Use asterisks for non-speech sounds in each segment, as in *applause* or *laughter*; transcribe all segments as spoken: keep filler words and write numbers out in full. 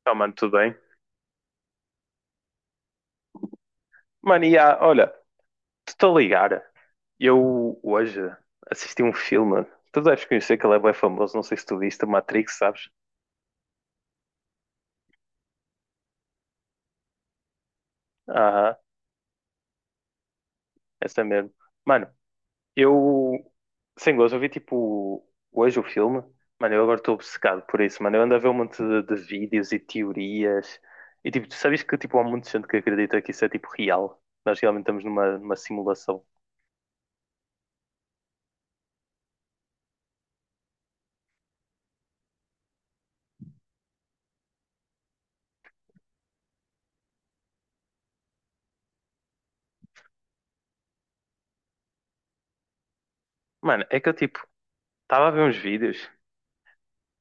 Então, mano, tudo bem? Mano, e há, olha, estou a ligar. Eu hoje assisti um filme. Tu deves conhecer que ele é bem famoso. Não sei se tu viste Matrix, sabes? Aham, essa mesmo. Mano, eu, sem gozo, eu vi tipo hoje o filme. Mano, eu agora estou obcecado por isso, mano. Eu ando a ver um monte de, de vídeos e teorias. E tipo, tu sabes que tipo, há muita gente que acredita que isso é tipo real. Nós realmente estamos numa, numa simulação. Mano, é que eu tipo, estava a ver uns vídeos.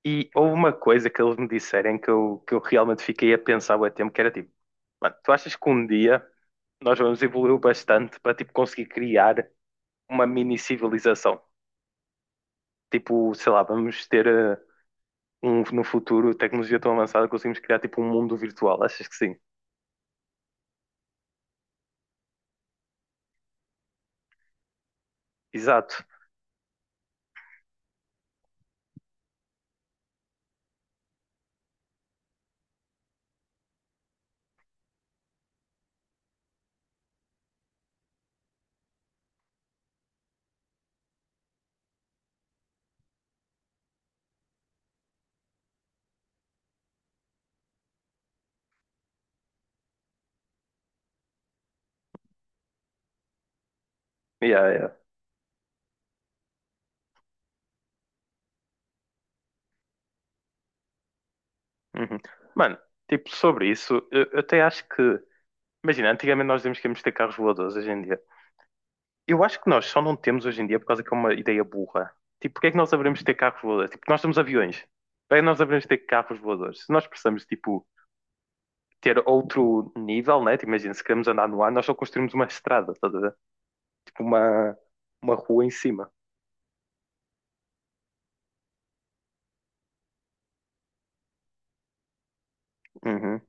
E houve uma coisa que eles me disserem que eu, que eu realmente fiquei a pensar bué tempo, que era tipo, mano, tu achas que um dia nós vamos evoluir bastante para tipo conseguir criar uma mini civilização? Tipo, sei lá, vamos ter eh, um, no futuro tecnologia tão avançada que conseguimos criar tipo um mundo virtual, achas que sim? Exato. Yeah, yeah. Uhum. Mano, tipo, sobre isso, eu, eu até acho que, imagina, antigamente nós dizíamos que íamos ter carros voadores hoje em dia. Eu acho que nós só não temos hoje em dia por causa que é uma ideia burra. Tipo, porque é que nós haveremos de ter carros voadores? Tipo, nós temos aviões. Para que nós haveremos de ter carros voadores? Se nós precisamos, tipo, ter outro nível, né? Tipo, imagina, se queremos andar no ar, nós só construímos uma estrada, estás a ver? Tipo, uma, uma rua em cima. Uhum.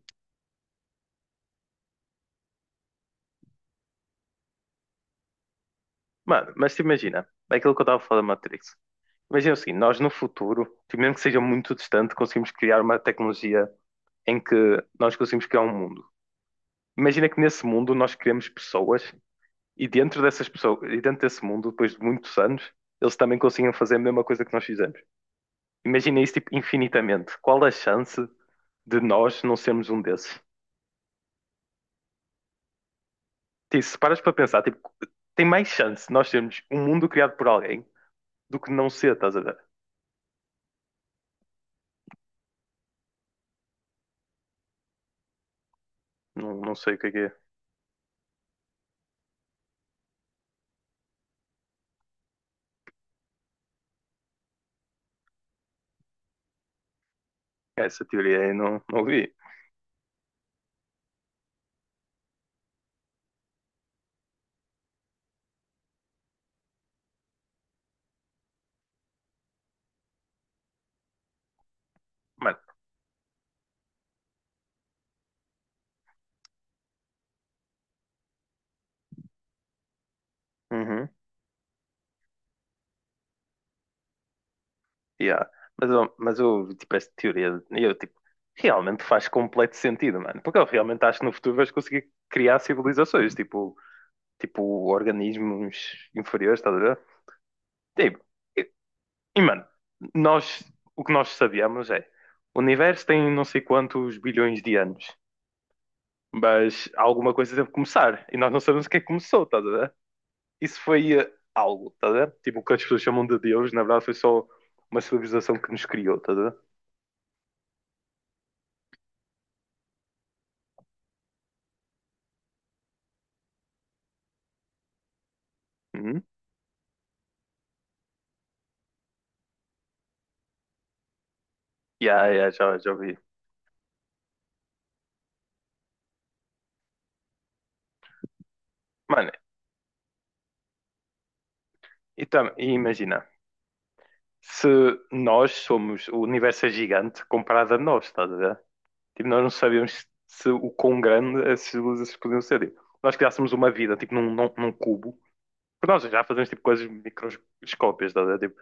Mano, mas te imagina, é aquilo que eu estava a falar da Matrix. Imagina o seguinte, nós no futuro, tipo, mesmo que seja muito distante, conseguimos criar uma tecnologia em que nós conseguimos criar um mundo. Imagina que nesse mundo nós criamos pessoas. E dentro dessas pessoas, e dentro desse mundo, depois de muitos anos, eles também conseguiam fazer a mesma coisa que nós fizemos. Imagina isso, tipo, infinitamente. Qual a chance de nós não sermos um desses? Tipo, se paras para pensar, tipo, tem mais chance de nós sermos um mundo criado por alguém do que não ser, estás a ver? Não, não sei o que é que é. É essa teoria aí, não, não ouvi. Mano, uhum, yeah. Mas, eu- mas eu, tipo, esta teoria, eu, tipo, realmente faz completo sentido, mano. Porque eu realmente acho que no futuro vais conseguir criar civilizações, tipo, tipo, organismos inferiores, estás a ver? Tipo, e, e, mano, nós, o que nós sabíamos é o universo tem não sei quantos bilhões de anos, mas alguma coisa deve começar e nós não sabemos o que é que começou, estás a ver? Isso foi eh, algo, estás a ver? Tipo, o que as pessoas chamam de Deus, na verdade, foi só uma civilização que nos criou, estás a ver? Uhum. Yeah, yeah, já, já vi. Mano, e, tam- e imagina. Se nós somos, o universo é gigante comparado a nós, estás a ver? Tipo, nós não sabíamos se o quão grande essas luzes podiam ser. Tipo, nós criássemos uma vida, tipo, num, num, num cubo. Porque nós já fazemos, tipo, coisas microscópicas, estás a ver? Tipo,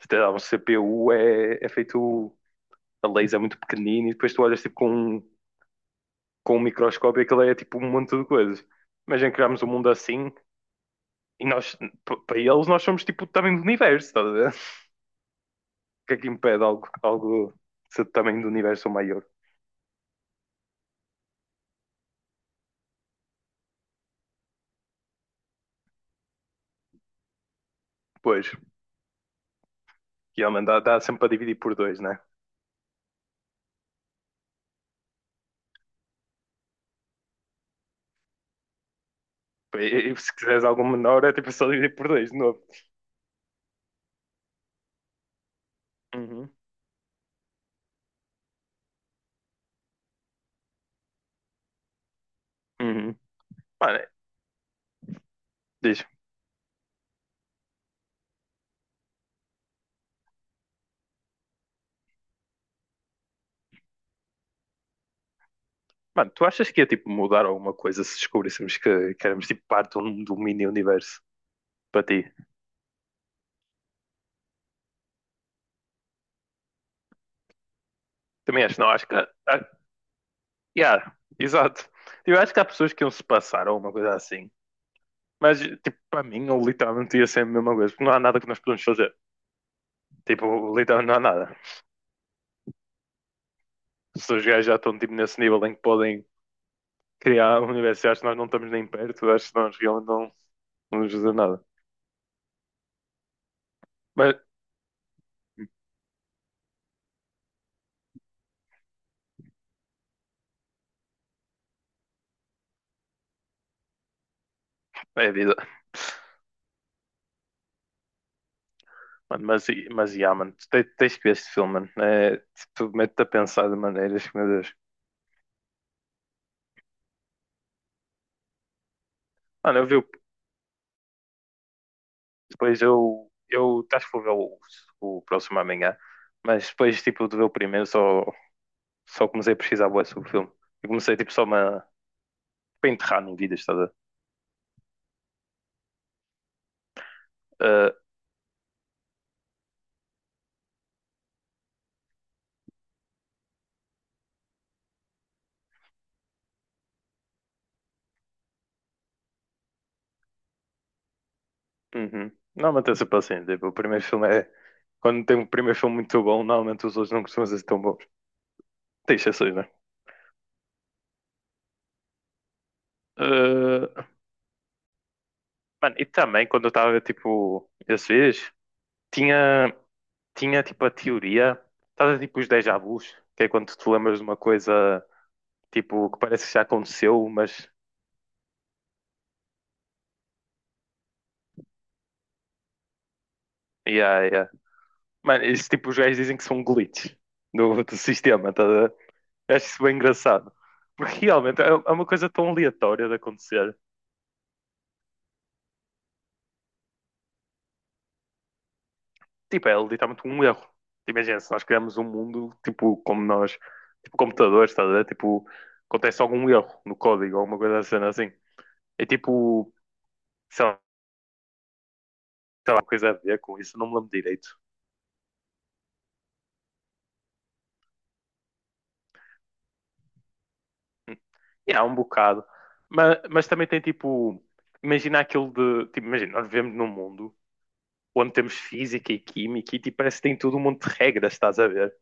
se te dá um C P U, é, é feito a laser é muito pequenino e depois tu olhas, tipo, com, um- com um microscópio e aquilo é, tipo, um monte de coisas. Imagina criarmos um mundo assim e nós, p- para eles, nós somos, tipo, também do universo, estás a ver? O que é que impede algo, algo de ser do tamanho do universo ou maior? Pois, realmente dá, dá sempre para dividir por dois, né? E, e se quiseres algum menor, é tipo só dividir por dois de novo. Uhum, uhum. Mano, diz, mano, tu achas que ia tipo mudar alguma coisa se descobríssemos que, que éramos tipo parte de um, de um mini universo para ti? Também acho, não, acho que. Ah, yeah, exato. Eu acho que há pessoas que iam se passar ou uma coisa assim. Mas, tipo, para mim, eu literalmente ia ser a mesma coisa, porque não há nada que nós podemos fazer. Tipo, literalmente não há nada. Se os gajos já estão, tipo, nesse nível em que podem criar um universo. Acho que nós não estamos nem perto, acho que nós realmente não, não nos ajuda nada. Mas é vida. Mano, mas, e- mas yeah, mano, tu te- tens que ver este filme, mano. É, tu mete-te a pensar de maneiras que, meu Deus. Mano, eu vi o- depois eu, eu acho que vou ver o, o próximo amanhã, mas depois tipo de ver o primeiro só, só, comecei a pesquisar bué sobre o filme. Eu comecei tipo só uma, para enterrar no vídeo, estás a ver? Ah, uhum. Normalmente é sempre assim, tipo, o primeiro filme é. Quando tem um primeiro filme muito bom, normalmente os outros não costumam ser tão bons. Tem exceções, né? Uh, mano, e também quando eu estava a ver, tipo, esses vídeos, tinha, tinha tipo a teoria, estava tipo os déjà vus, que é quando tu te lembras de uma coisa, tipo, que parece que já aconteceu, mas. Yeah, yeah. Mano, isso tipo, os gajos dizem que são glitches do, do sistema, tá? A ver? Eu acho isso bem engraçado. *laughs* Porque realmente é é uma coisa tão aleatória de acontecer. Tipo, é literalmente um erro. Tipo, imagina, se nós criamos um mundo, tipo, como nós, tipo, computadores, estás a ver? Tipo, acontece algum erro no código, alguma coisa assim, assim. É tipo, sei lá, tem alguma coisa a ver com isso, não me lembro direito. Hum. E há um bocado. Mas, mas também tem, tipo, imagina aquilo de, tipo, imagina, nós vivemos num mundo onde temos física e química e, tipo, parece que tem tudo um monte de regras, estás a ver?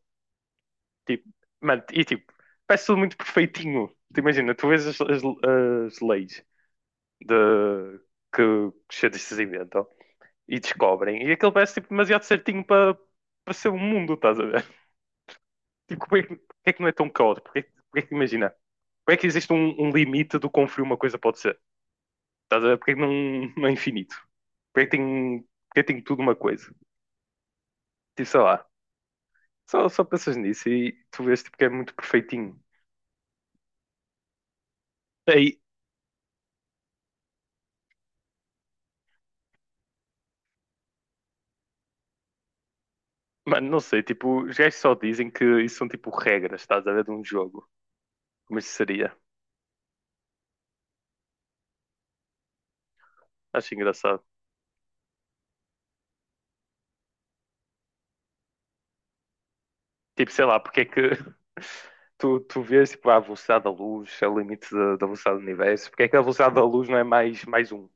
Tipo, mano, e, tipo, parece tudo muito perfeitinho. Tu imagina, tu vês as, as- as leis de, que que os cientistas inventam e descobrem. E aquilo parece tipo, demasiado certinho para para ser um mundo, estás a ver? *laughs* Tipo, porquê, é que não é tão caótico? Porquê, porquê é que imagina? Porquê é que existe um, um limite do quão frio uma coisa pode ser? Estás a ver? Porquê é que não, não é infinito? Porquê é que tem, porquê é que tem, tudo uma coisa? Tipo, sei lá. Só, só pensas nisso e tu vês tipo, que é muito perfeitinho. Aí, mano, não sei. Tipo, os gajos só dizem que isso são tipo regras, estás a ver? De um jogo. Como isso seria? Acho engraçado. Tipo, sei lá, porque é que *laughs* tu, tu vês tipo, a velocidade da luz, é o limite da, da velocidade do universo, porque é que a velocidade da luz não é mais, mais um?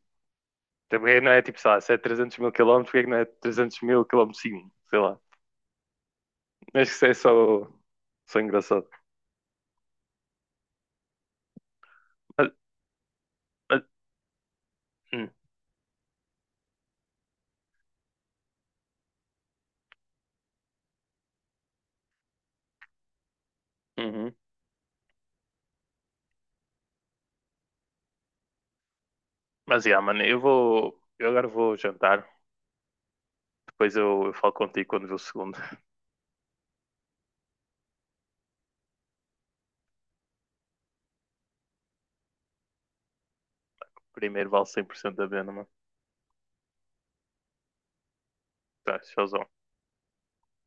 Então, porque é que não é tipo, sei lá, se é trezentos mil quilómetros, porque é que não é trezentos mil quilómetros por segundo? Sei lá. Acho que isso é só, só, engraçado. Mas, mas, hum, uhum. Mas, yeah, mano, eu vou. Eu agora vou jantar. Depois eu, eu falo contigo quando ver o segundo. *laughs* Primeiro vale cem por cento a pena, mano. Tá, tchauzão.